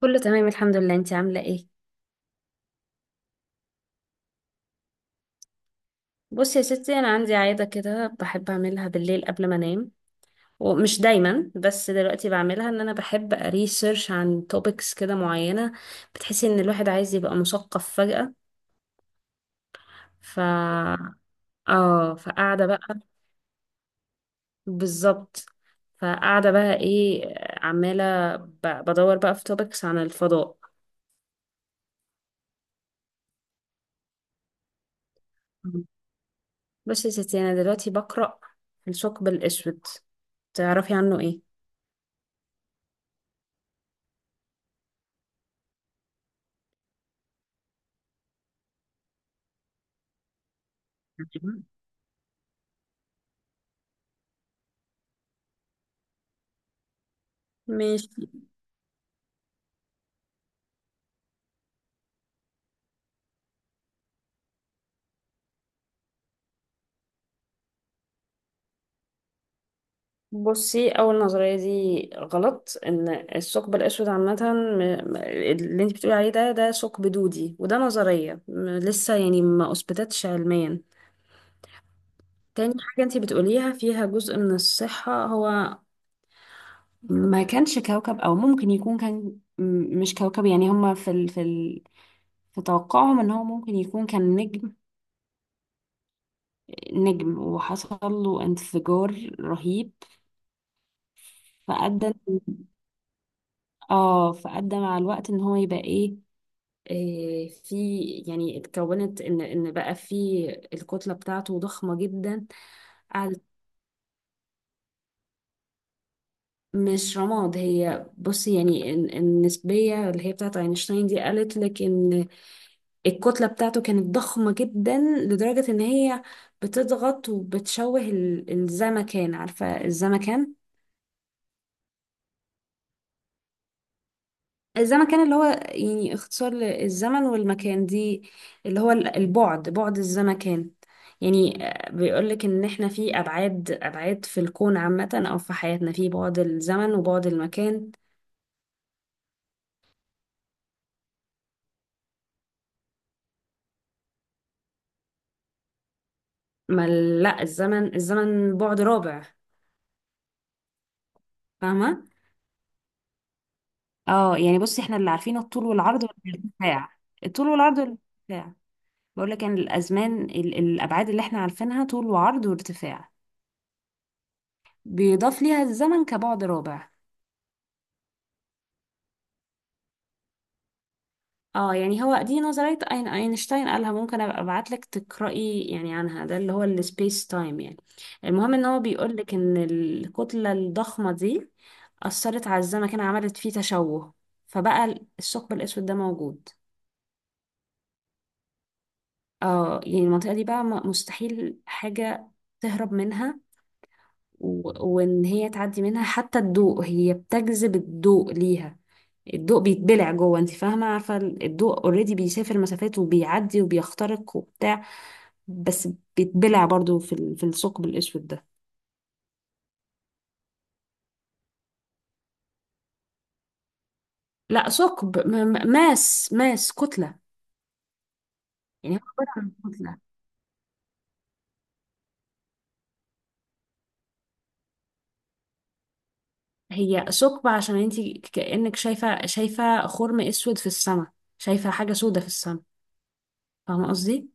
كله تمام، الحمد لله. انتي عاملة ايه؟ بصي يا ستي، انا عندي عادة كده بحب اعملها بالليل قبل ما انام. ومش دايما، بس دلوقتي بعملها ان انا بحب ريسيرش عن توبكس كده معينة. بتحسي ان الواحد عايز يبقى مثقف فجأة. ف اه، فقاعدة بقى. بالظبط. فقاعدة بقى ايه؟ بدور بقى في توبكس عن الفضاء. بصي يا ستي، انا دلوقتي بقرأ الثقب الاسود. تعرفي عنه ايه؟ عجيبة. ماشي. بصي، اول نظريه دي غلط. ان الثقب الاسود عامه، اللي انت بتقولي عليه ده ثقب دودي، وده نظريه لسه يعني ما اثبتتش علميا. تاني حاجه انت بتقوليها فيها جزء من الصحه. هو ما كانش كوكب، او ممكن يكون كان مش كوكب، يعني هما في توقعهم ان هو ممكن يكون كان نجم. نجم وحصل له انفجار رهيب. فأدى اه فأدى مع الوقت ان هو يبقى ايه. آه، في يعني اتكونت ان بقى في، الكتله بتاعته ضخمه جدا. قعدت. مش رماد، هي بص. يعني النسبيه اللي هي بتاعت اينشتاين دي قالت لك ان الكتله بتاعته كانت ضخمه جدا لدرجه ان هي بتضغط وبتشوه الزمكان. عارفه الزمكان؟ الزمن كان اللي هو يعني اختصار للزمن والمكان دي، اللي هو البعد، بعد الزمكان. يعني بيقول لك ان احنا في ابعاد، ابعاد في الكون عامة، او في حياتنا في بعد الزمن وبعد المكان. ما ال- لا، الزمن بعد رابع. فاهمة؟ اه يعني بصي، احنا اللي عارفينه الطول والعرض والارتفاع. الطول والعرض والارتفاع. بقول لك ان الازمان، الابعاد اللي احنا عارفينها طول وعرض وارتفاع، بيضاف ليها الزمن كبعد رابع. اه يعني هو دي نظرية أينشتاين قالها. ممكن أبقى أبعتلك تقرأي يعني عنها، ده اللي هو السبيس تايم يعني. المهم إن هو بيقولك إن الكتلة الضخمة دي أثرت على الزمكان، عملت فيه تشوه، فبقى الثقب الأسود ده موجود. اه يعني المنطقة دي بقى مستحيل حاجة تهرب منها. و- وإن هي تعدي منها حتى الضوء، هي بتجذب الضوء ليها. الضوء بيتبلع جوه. انت فاهمه؟ عارفه الضوء اوريدي بيسافر مسافات وبيعدي وبيخترق وبتاع. بس بيتبلع برضو في الثقب الاسود ده. لا ثقب، ماس كتله. يعني هو عباره عن كتله. هي ثقب عشان انت كانك شايفه، خرم اسود في السماء. شايفه حاجه سودة في السماء. فاهمه قصدي؟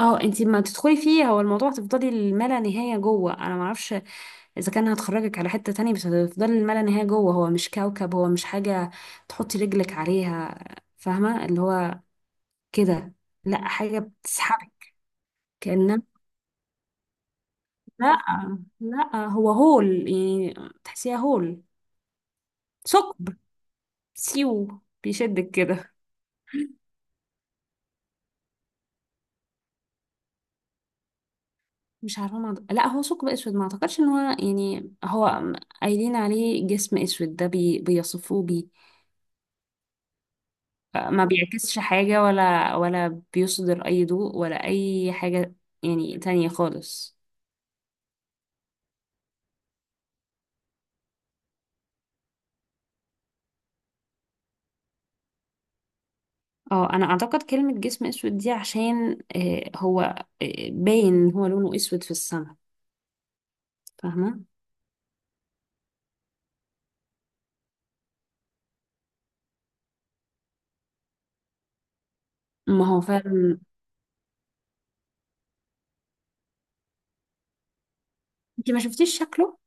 اه انت ما تدخلي فيه، هو الموضوع هتفضلي الملا نهايه جوه. انا ما اعرفش اذا كان هتخرجك على حته تانية، بس هتفضلي الملا نهايه جوه. هو مش كوكب، هو مش حاجه تحطي رجلك عليها. فاهمه اللي هو كده. لا، حاجه بتسحبك. لا لا، هو هول. يعني تحسيها هول. ثقب. سيو بيشدك كده. مش عارفه. ما لا، هو ثقب اسود. ما اعتقدش ان هو يعني هو قايلين عليه جسم اسود ده، بيصفوه بيه. ما بيعكسش حاجه، ولا بيصدر اي ضوء ولا اي حاجه. يعني تانية خالص. اه انا اعتقد كلمه جسم اسود دي عشان هو، باين إن هو لونه اسود في السماء. فاهمه؟ ما هو فعلا. انت ما شفتيش شكله؟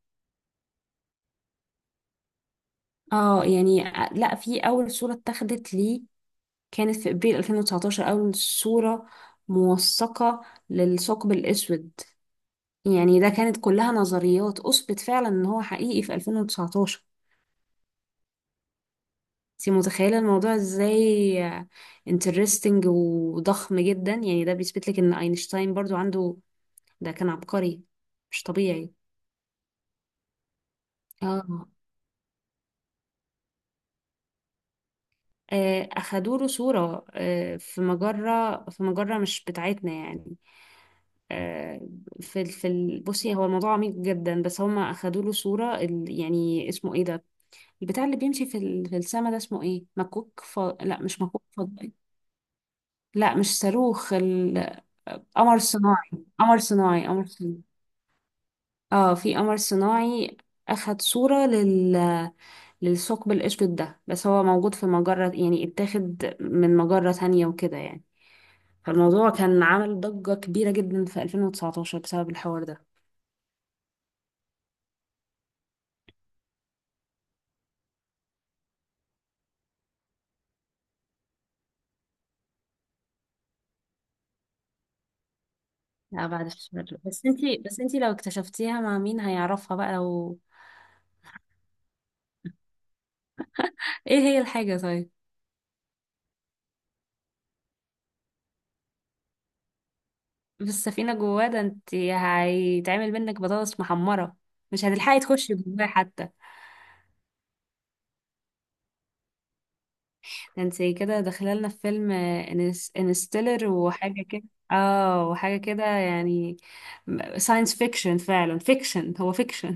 اه يعني لا، في اول صورة اتاخدت ليه كانت في ابريل 2019، اول صورة موثقة للثقب الاسود. يعني ده كانت كلها نظريات. اثبت فعلا ان هو حقيقي في 2019. انت متخيلة الموضوع ازاي؟ انترستنج وضخم جدا. يعني ده بيثبت لك ان اينشتاين برضو عنده، ده كان عبقري مش طبيعي. اه، اخدوا له صورة. في مجرة، في مجرة مش بتاعتنا يعني. آه، بصي، هو الموضوع عميق جدا، بس هما اخدوا له صورة يعني اسمه ايه ده، البتاع اللي بيمشي في السما ده اسمه ايه، مكوك. لا، مش مكوك فضائي. لا، مش صاروخ. قمر صناعي. قمر صناعي، قمر صناعي. اه في قمر صناعي اخد صورة للثقب الاسود ده، بس هو موجود في مجرة، يعني اتاخد من مجرة تانية وكده يعني. فالموضوع كان عمل ضجة كبيرة جدا في 2019 بسبب الحوار ده. لا بعد الشر، بس انتي لو اكتشفتيها مع مين هيعرفها بقى لو. ايه هي الحاجة طيب؟ بالسفينة جواه؟ ده انتي هيتعمل منك بطاطس محمرة. مش هتلحقي تخشي جواه حتى. ده انتي كده داخلة لنا في فيلم انستيلر وحاجة كده. اه وحاجة كده يعني، ساينس فيكشن. فعلا فيكشن، هو فيكشن.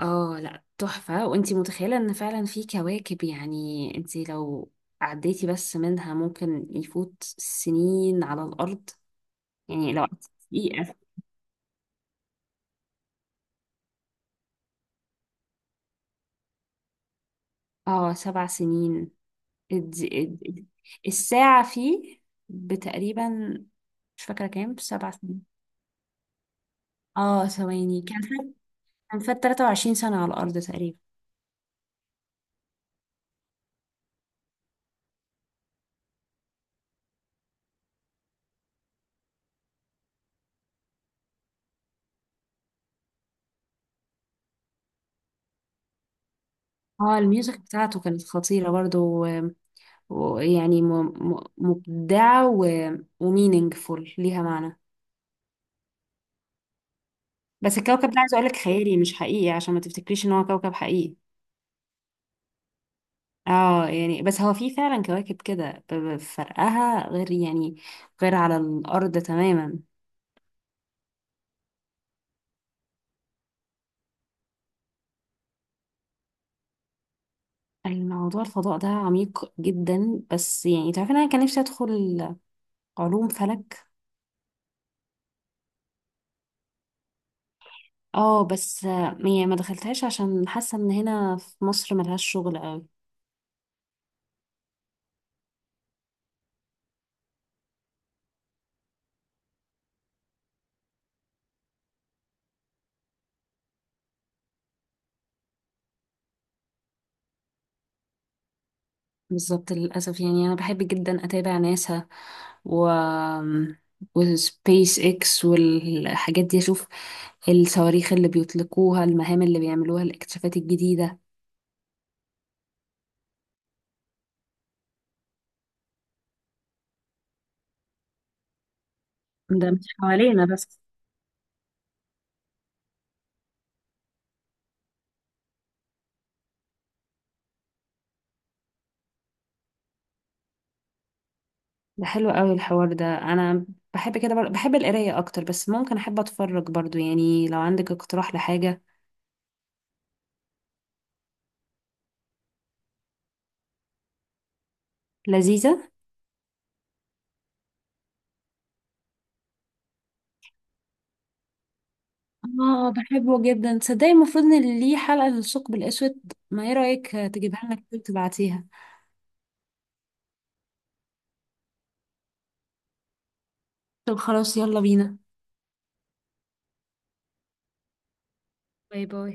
اه لا، تحفة. وانتي متخيلة ان فعلا في كواكب، يعني انتي لو عديتي بس منها ممكن يفوت سنين على الارض. يعني لو قعدتي دقيقة، اه سبع سنين. الد- الد- الساعة فيه بتقريبا، مش فاكرة كام، سبع سنين. اه ثواني كان فات 23 سنة على الارض تقريبا. اه الميوزك بتاعته كانت خطيرة برضو، ويعني مبدعة، ومينينجفول، ليها معنى. بس الكوكب ده عايزه اقول لك خيالي مش حقيقي، عشان ما تفتكريش ان هو كوكب حقيقي. اه يعني، بس هو في فعلا كواكب كده فرقها غير، يعني غير على الارض تماما. الموضوع الفضاء ده عميق جدا، بس يعني تعرفين انا كان نفسي ادخل علوم فلك. اه بس يعني ما دخلتهاش عشان حاسه ان هنا في مصر ملهاش شغل قوي. بالظبط، للأسف. يعني أنا بحب جدا أتابع ناسا و وسبيس اكس والحاجات دي. أشوف الصواريخ اللي بيطلقوها، المهام اللي بيعملوها، الاكتشافات الجديدة. ده مش حوالينا بس. ده حلو قوي الحوار ده. أنا بحب كده، بحب القراية أكتر، بس ممكن أحب أتفرج برضو يعني. لو عندك اقتراح لحاجة لذيذة. اه بحبه جدا. تصدقي المفروض إن ليه حلقة للثقب الأسود؟ ما إيه رأيك تجيبها لنا كده تبعتيها. طب خلاص، يلا بينا. باي باي.